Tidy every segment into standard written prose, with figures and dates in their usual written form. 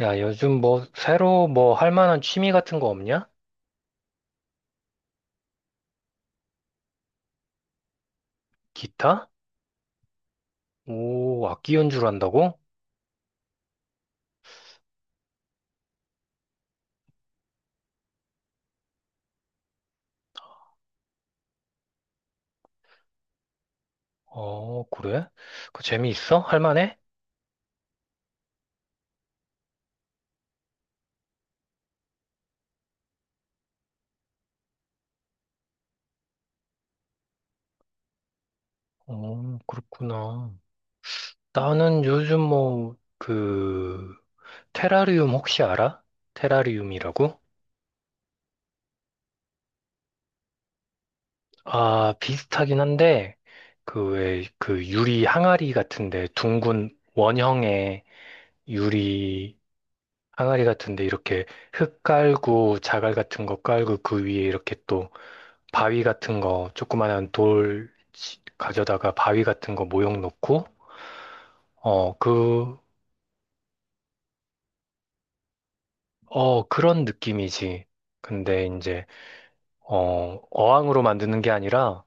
야, 요즘 뭐, 새로 뭐, 할 만한 취미 같은 거 없냐? 기타? 오, 악기 연주를 한다고? 어, 그래? 그 재미있어? 할 만해? 어, 그렇구나. 나는 요즘 뭐, 그, 테라리움 혹시 알아? 테라리움이라고? 아, 비슷하긴 한데, 그 왜, 그 유리 항아리 같은데, 둥근 원형의 유리 항아리 같은데, 이렇게 흙 깔고, 자갈 같은 거 깔고, 그 위에 이렇게 또, 바위 같은 거, 조그만한 돌 가져다가 바위 같은 거 모형 놓고, 어, 그, 그런 느낌이지. 근데 이제, 어, 어항으로 만드는 게 아니라,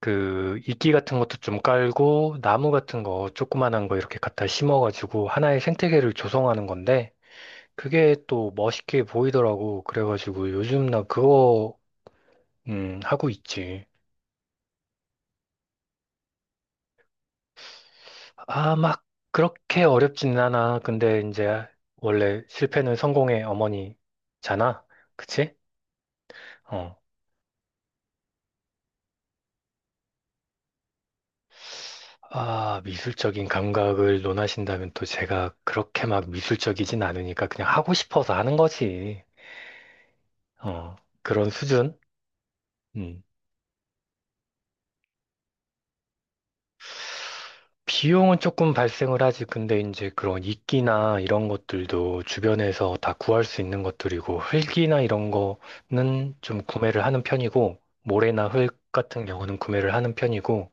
그, 이끼 같은 것도 좀 깔고, 나무 같은 거, 조그만한 거 이렇게 갖다 심어가지고, 하나의 생태계를 조성하는 건데, 그게 또 멋있게 보이더라고. 그래가지고, 요즘 나 그거, 하고 있지. 아, 막 그렇게 어렵진 않아. 근데 이제 원래 실패는 성공의 어머니잖아. 그치? 어. 아, 미술적인 감각을 논하신다면 또 제가 그렇게 막 미술적이진 않으니까 그냥 하고 싶어서 하는 거지. 어. 그런 수준? 음. 비용은 조금 발생을 하지. 근데 이제 그런 이끼나 이런 것들도 주변에서 다 구할 수 있는 것들이고, 흙이나 이런 거는 좀 구매를 하는 편이고, 모래나 흙 같은 경우는 구매를 하는 편이고,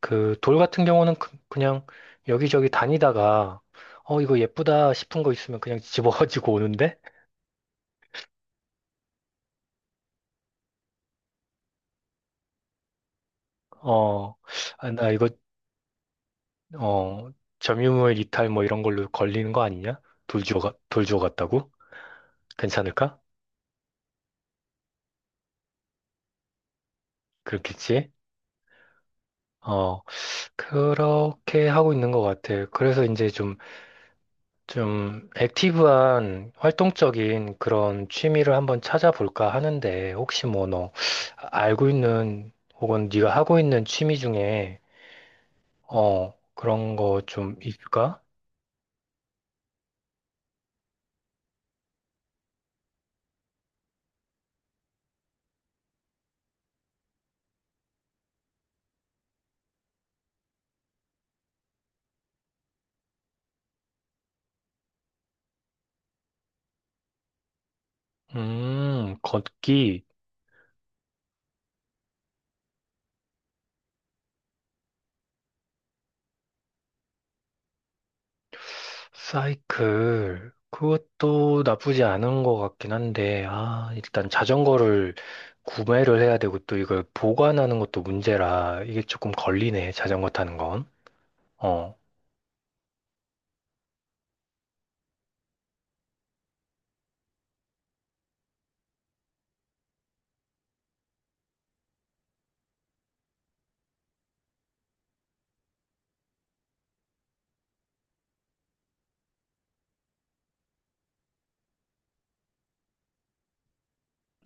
그 돌 같은 경우는 그냥 여기저기 다니다가, 어, 이거 예쁘다 싶은 거 있으면 그냥 집어가지고 오는데, 어, 아, 나 이거, 어, 점유물 이탈 뭐 이런 걸로 걸리는 거 아니냐? 돌 주워, 돌 주워 갔다고? 괜찮을까? 그렇겠지? 어, 그렇게 하고 있는 것 같아요. 그래서 이제 좀, 좀 액티브한 활동적인 그런 취미를 한번 찾아볼까 하는데, 혹시 뭐 너 알고 있는 혹은 네가 하고 있는 취미 중에, 어, 그런 거 좀 있을까? 걷기. 사이클. 그것도 나쁘지 않은 것 같긴 한데, 아, 일단 자전거를 구매를 해야 되고 또 이걸 보관하는 것도 문제라 이게 조금 걸리네, 자전거 타는 건. 어,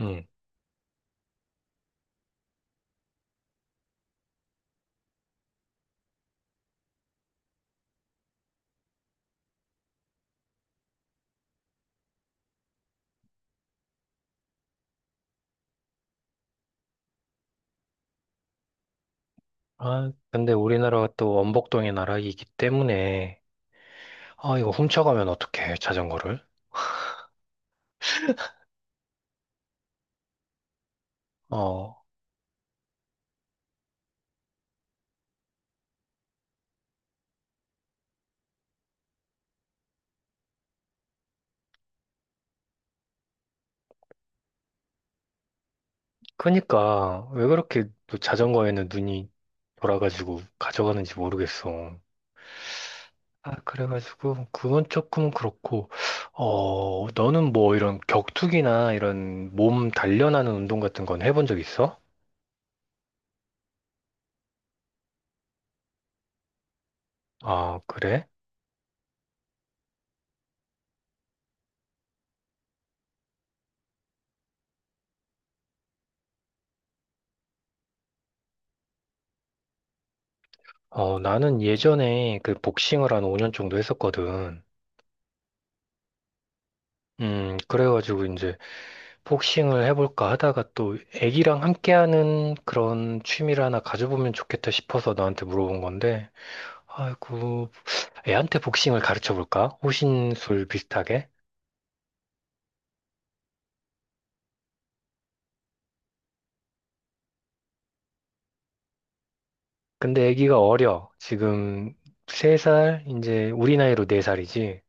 음. 아, 근데 우리나라가 또 원복동의 나라이기 때문에, 아, 이거 훔쳐가면 어떡해, 자전거를. 어, 그니까, 왜 그렇게 또 자전거에는 눈이 돌아가지고 가져가는지 모르겠어. 아, 그래가지고, 그건 조금 그렇고, 어, 너는 뭐 이런 격투기나 이런 몸 단련하는 운동 같은 건 해본 적 있어? 아, 그래? 어, 나는 예전에 그 복싱을 한 5년 정도 했었거든. 그래가지고 이제 복싱을 해볼까 하다가 또 애기랑 함께하는 그런 취미를 하나 가져보면 좋겠다 싶어서 너한테 물어본 건데, 아이고, 애한테 복싱을 가르쳐볼까? 호신술 비슷하게? 근데 아기가 어려. 지금 세 살, 이제 우리 나이로 네 살이지.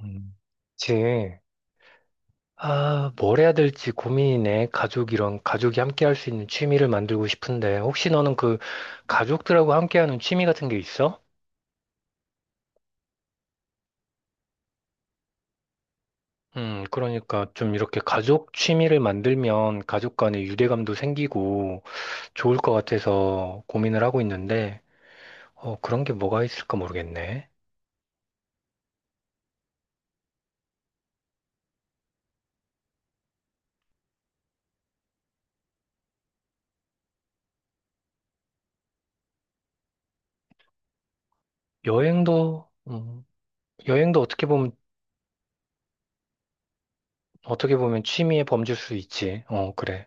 음. 그치. 아, 뭘 해야 될지 고민이네. 가족이 함께 할 수 있는 취미를 만들고 싶은데, 혹시 너는 그 가족들하고 함께 하는 취미 같은 게 있어? 그러니까 좀 이렇게 가족 취미를 만들면 가족 간의 유대감도 생기고 좋을 것 같아서 고민을 하고 있는데, 어, 그런 게 뭐가 있을까 모르겠네. 여행도, 여행도 어떻게 보면 어떻게 보면 취미의 범주일 수 있지. 어, 그래.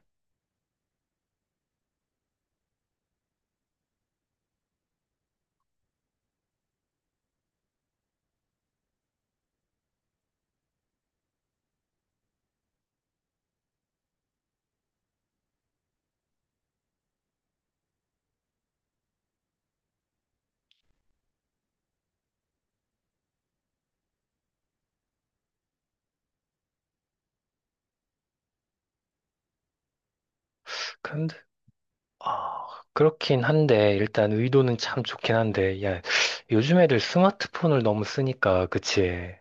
근데, 아, 그렇긴 한데, 일단 의도는 참 좋긴 한데, 야, 요즘 애들 스마트폰을 너무 쓰니까, 그치?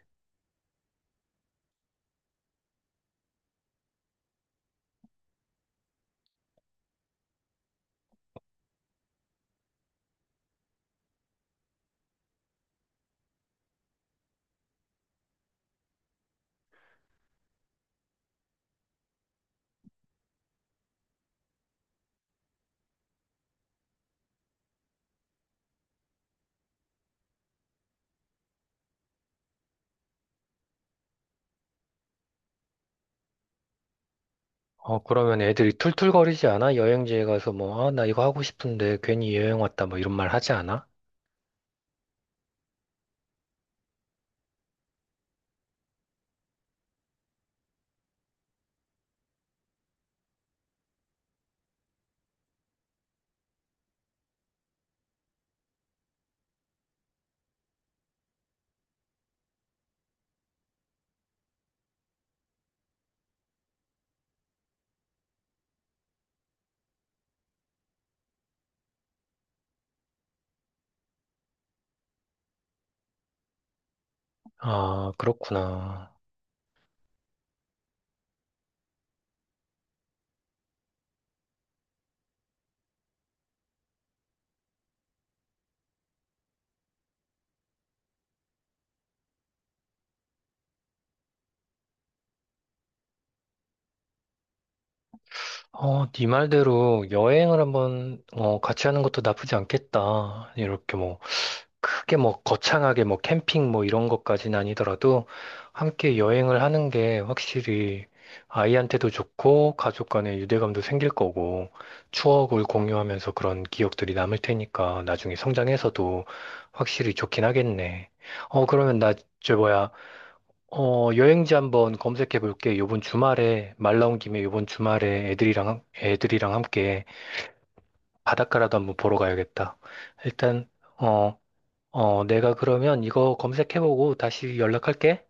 어, 그러면 애들이 툴툴거리지 않아? 여행지에 가서 뭐, 아, 나 이거 하고 싶은데 괜히 여행 왔다, 뭐 이런 말 하지 않아? 아, 그렇구나. 어, 네 말대로 여행을 한번, 어, 같이 하는 것도 나쁘지 않겠다. 이렇게 뭐. 크게 뭐 거창하게 뭐 캠핑 뭐 이런 것까지는 아니더라도 함께 여행을 하는 게 확실히 아이한테도 좋고 가족 간의 유대감도 생길 거고 추억을 공유하면서 그런 기억들이 남을 테니까 나중에 성장해서도 확실히 좋긴 하겠네. 어, 그러면 나, 저 뭐야, 어, 여행지 한번 검색해 볼게. 요번 주말에, 말 나온 김에 요번 주말에 애들이랑, 애들이랑 함께 바닷가라도 한번 보러 가야겠다. 일단, 어, 어, 내가 그러면 이거 검색해보고 다시 연락할게.